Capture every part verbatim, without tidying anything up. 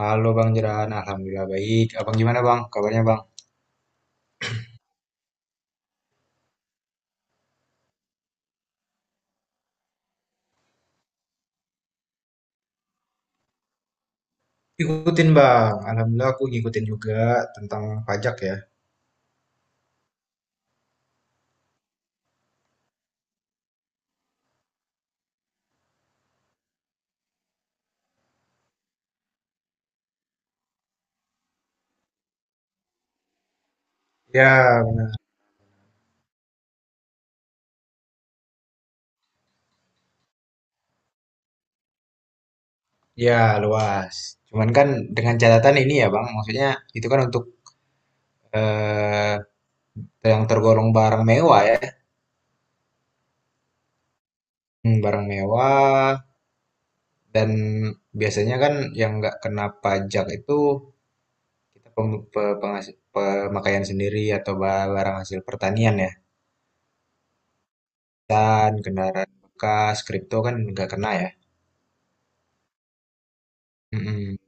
Halo Bang Jeran, Alhamdulillah baik. Abang gimana Bang? Kabarnya Bang? Ikutin Bang, Alhamdulillah aku ngikutin juga tentang pajak ya. Ya, ya luas. Cuman kan dengan catatan ini ya Bang, maksudnya itu kan untuk eh, yang tergolong barang mewah ya. Hmm, barang mewah dan biasanya kan yang nggak kena pajak itu kita pem- pe- pengas- pemakaian sendiri atau ba- barang hasil pertanian ya. Dan kendaraan bekas, kripto kan nggak kena ya. Mm-mm.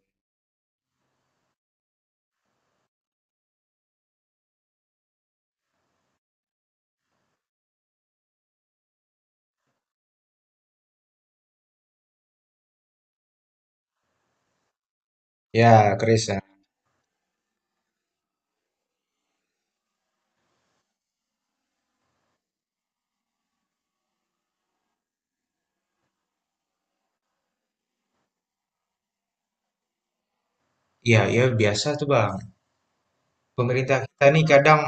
Ya, keris ya. Iya, ya biasa tuh Bang. Pemerintah kita nih kadang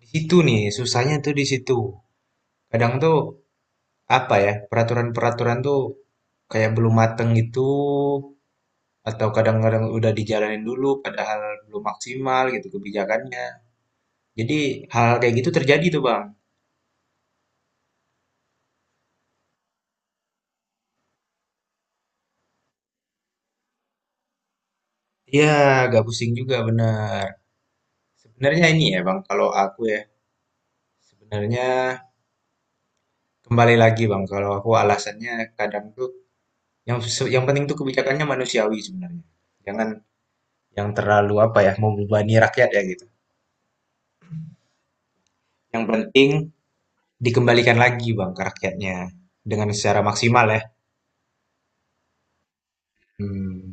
di situ nih, susahnya tuh di situ. Kadang tuh apa ya, peraturan-peraturan tuh kayak belum mateng gitu, atau kadang-kadang udah dijalanin dulu padahal belum maksimal gitu kebijakannya. Jadi hal kayak gitu terjadi tuh Bang. Iya, agak pusing juga bener. Sebenarnya ini ya Bang, kalau aku ya, sebenarnya kembali lagi Bang, kalau aku alasannya kadang tuh Yang se- yang penting tuh kebijakannya manusiawi sebenarnya. Jangan yang terlalu apa ya, membebani rakyat ya gitu. Yang penting dikembalikan lagi bang ke rakyatnya dengan secara maksimal ya. Hmm.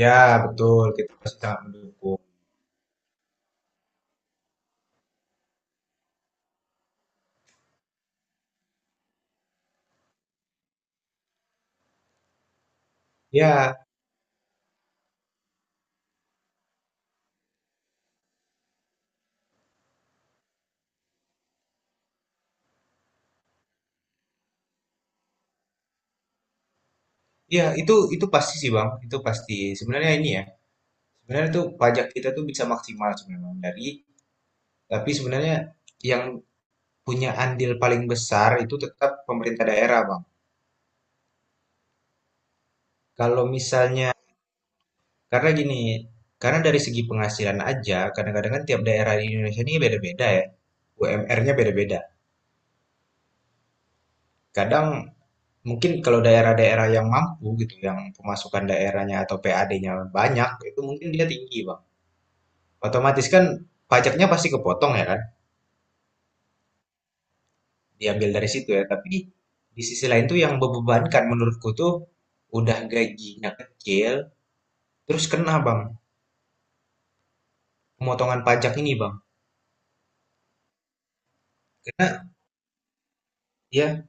Ya betul, kita pasti sangat mendukung. Ya, ya itu itu pasti sih bang, itu pasti. Sebenarnya ini ya, sebenarnya tuh pajak kita tuh bisa maksimal sebenarnya Bang. Dari, tapi sebenarnya yang punya andil paling besar itu tetap pemerintah daerah bang. Kalau misalnya Karena gini, karena dari segi penghasilan aja, kadang-kadang kan tiap daerah di Indonesia ini beda-beda ya. U M R-nya beda-beda. Kadang mungkin kalau daerah-daerah yang mampu gitu, yang pemasukan daerahnya atau P A D-nya banyak, itu mungkin dia tinggi, Bang. Otomatis kan pajaknya pasti kepotong ya kan, diambil dari situ ya. Tapi di sisi lain tuh yang membebankan menurutku tuh udah gajinya kecil, terus kena, Bang, pemotongan pajak ini, Bang. Karena ya,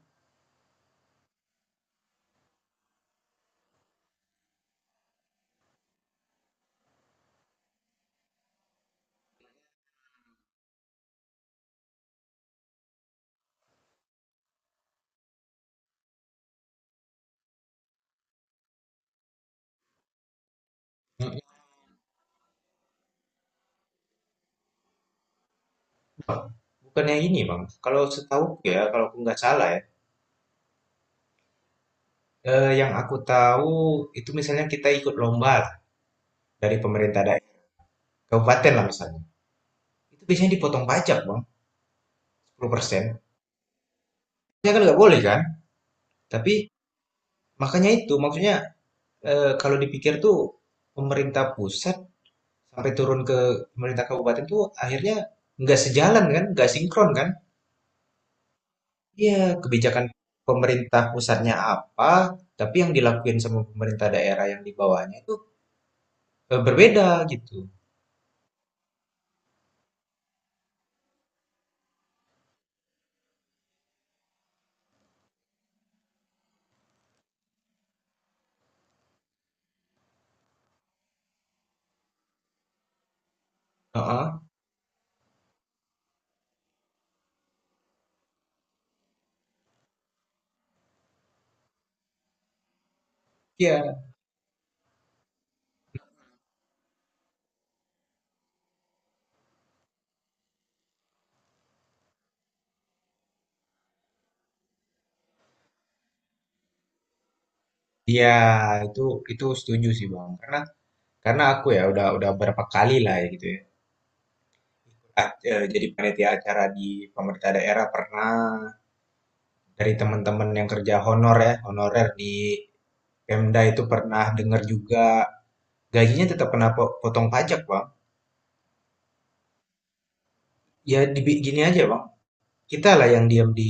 bukannya ini, Bang, kalau setahu ya, kalau aku nggak salah ya, eh, yang aku tahu itu misalnya kita ikut lomba dari pemerintah daerah, kabupaten lah misalnya. Itu biasanya dipotong pajak, Bang, sepuluh persen. Ya kan nggak boleh kan? Tapi makanya itu, maksudnya eh, kalau dipikir tuh pemerintah pusat sampai turun ke pemerintah kabupaten tuh akhirnya nggak sejalan kan, nggak sinkron kan? Iya, kebijakan pemerintah pusatnya apa, tapi yang dilakuin sama pemerintah daerah yang di bawahnya itu eh, berbeda gitu. Heeh. Iya. Iya, itu itu setuju sih Bang. Karena karena aku ya udah udah berapa kali lah ya gitu ya. A- eh, Jadi panitia acara di pemerintah daerah pernah dari teman-teman yang kerja honor ya, honorer di Pemda itu pernah dengar juga gajinya tetap kena po- potong pajak, Bang. Ya di gini aja, Bang. Kita lah yang diam di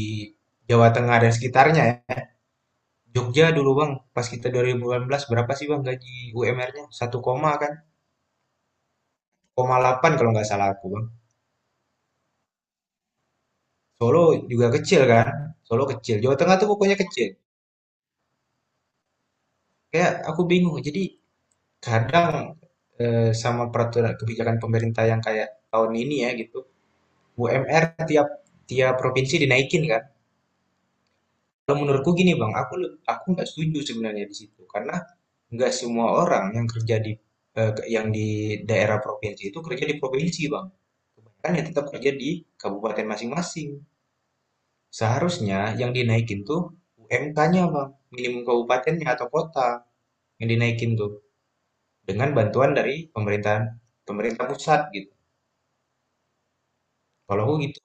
Jawa Tengah dan sekitarnya ya. Jogja dulu, Bang. Pas kita dua nol satu delapan berapa sih, Bang, gaji U M R-nya? satu koma kan? Delapan kalau nggak salah aku bang. Solo juga kecil kan, Solo kecil. Jawa Tengah tuh pokoknya kecil. Kayak aku bingung. Jadi kadang eh, sama peraturan kebijakan pemerintah yang kayak tahun ini ya gitu, U M R tiap tiap provinsi dinaikin kan. Kalau menurutku gini bang, aku le- aku nggak setuju sebenarnya di situ karena nggak semua orang yang kerja di eh, yang di daerah provinsi itu kerja di provinsi bang. Kebanyakan ya tetap kerja di kabupaten masing-masing. Seharusnya yang dinaikin tuh U M K-nya, Bang, minimum kabupatennya atau kota yang dinaikin tuh dengan bantuan dari pemerintahan pemerintah pusat gitu. Kalau aku gitu.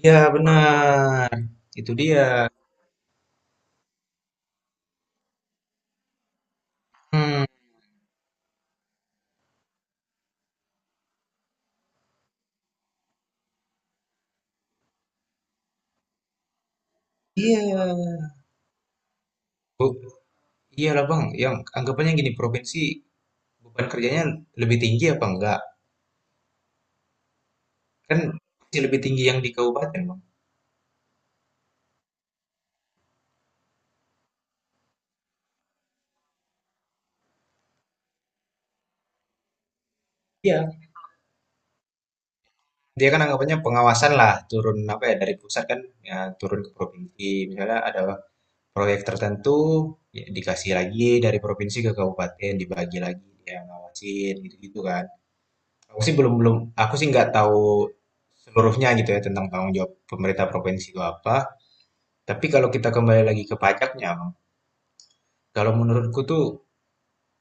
Iya, benar. Itu dia. Hmm, iya. Bu- Iyalah, Bang, yang anggapannya gini provinsi beban kerjanya lebih tinggi apa enggak? Kan pasti lebih tinggi yang di kabupaten, Bang. Iya, dia kan anggapannya pengawasan lah turun apa ya dari pusat kan, ya turun ke provinsi misalnya ada proyek tertentu, ya dikasih lagi dari provinsi ke kabupaten, dibagi lagi, dia ngawasin, gitu-gitu kan. Aku sih belum belum, aku sih nggak tahu seluruhnya gitu ya tentang tanggung jawab pemerintah provinsi itu apa. Tapi kalau kita kembali lagi ke pajaknya, Bang. Kalau menurutku tuh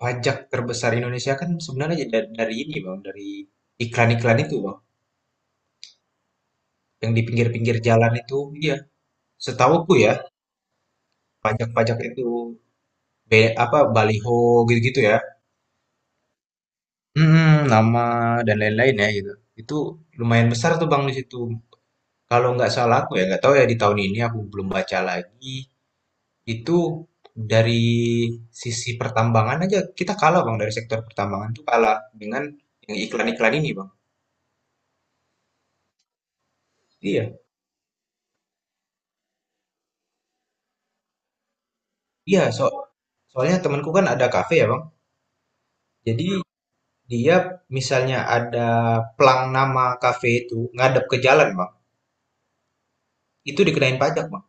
pajak terbesar Indonesia kan sebenarnya da- dari, ini, Bang, dari iklan-iklan itu, Bang. Yang di pinggir-pinggir jalan itu, iya. Setahuku ya, pajak-pajak itu be, apa baliho gitu-gitu ya. Mhm, nama dan lain-lain ya gitu. Itu lumayan besar tuh Bang di situ. Kalau nggak salah aku ya nggak tahu ya di tahun ini aku belum baca lagi. Itu dari sisi pertambangan aja kita kalah Bang dari sektor pertambangan tuh kalah dengan yang iklan-iklan ini Bang. Iya, iya, so soalnya temanku kan ada kafe ya Bang. Jadi dia misalnya ada plang nama kafe itu ngadep ke jalan Bang. Itu dikenain pajak Bang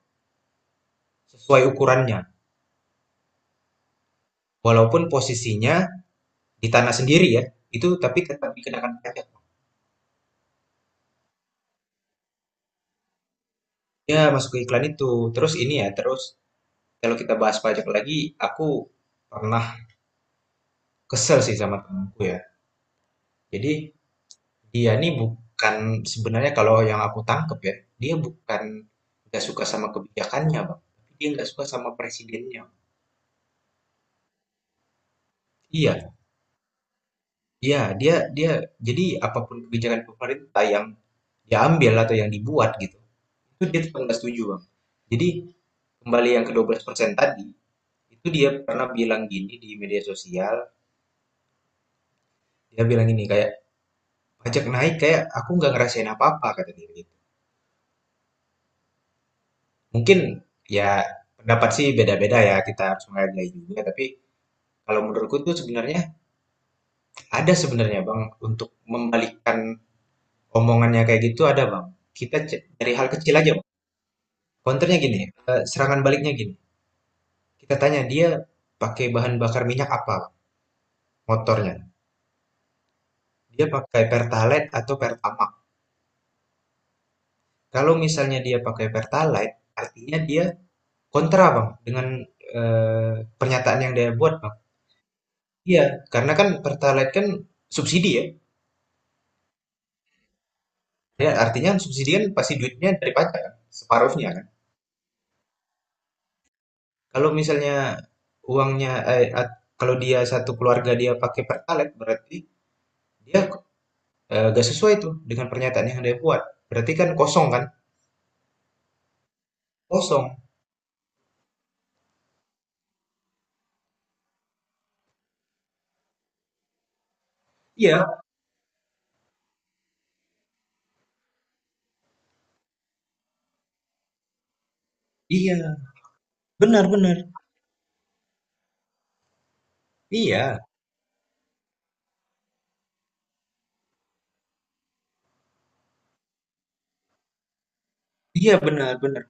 sesuai ukurannya. Walaupun posisinya di tanah sendiri ya, itu tapi tetap dikenakan pajak. Ya, masuk ke iklan itu. Terus ini ya, terus kalau kita bahas pajak lagi, aku pernah kesel sih sama temanku ya. Jadi dia nih bukan sebenarnya kalau yang aku tangkep ya, dia bukan nggak suka sama kebijakannya, Bang. Tapi dia nggak suka sama presidennya. Iya, iya, dia dia jadi apapun kebijakan pemerintah yang diambil atau yang dibuat gitu, itu dia tetap nggak setuju, Bang. Jadi kembali yang ke dua belas persen tadi. Itu dia pernah bilang gini di media sosial, dia bilang gini kayak pajak naik kayak aku nggak ngerasain apa-apa kata dia gitu. Mungkin ya pendapat sih beda-beda ya kita harus menghargai juga tapi kalau menurutku tuh sebenarnya ada sebenarnya Bang untuk membalikkan omongannya kayak gitu ada Bang. Kita c- dari hal kecil aja Bang. Counternya gini, eh, serangan baliknya gini. Kita tanya dia pakai bahan bakar minyak apa Bang, motornya. Dia pakai Pertalite atau Pertamax. Kalau misalnya dia pakai Pertalite artinya dia kontra, Bang, dengan, eee, pernyataan yang dia buat, Bang. Iya, karena kan Pertalite kan subsidi ya, ya artinya subsidi kan pasti duitnya dari pajak kan, separuhnya kan. Kalau misalnya uangnya, eee, at kalau dia satu keluarga dia pakai Pertalite berarti dia, eee, nggak sesuai tuh dengan pernyataan yang dia buat. Berarti kan kosong kan? Kosong. Iya iya, benar benar. Iya iya, benar benar.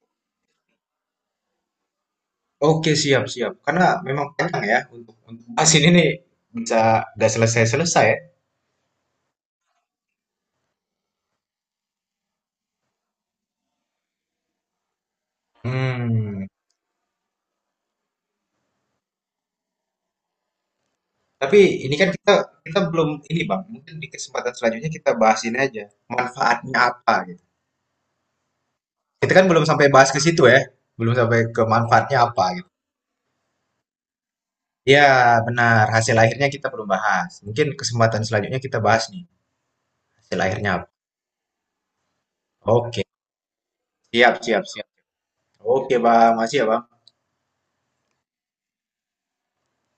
Oke, siap, siap. Karena memang panjang ya untuk untuk bahas ini nih bisa nggak selesai-selesai ya. Hmm. Tapi ini kan kita kita belum ini Bang. Mungkin di kesempatan selanjutnya kita bahas ini aja. Manfaatnya apa gitu. Kita kan belum sampai bahas ke situ ya. Belum sampai ke manfaatnya apa gitu. Ya, benar. Hasil akhirnya kita belum bahas. Mungkin kesempatan selanjutnya kita bahas nih. Hasil akhirnya apa. Oke. Siap, siap, siap. Oke, Bang. Masih ya, Bang.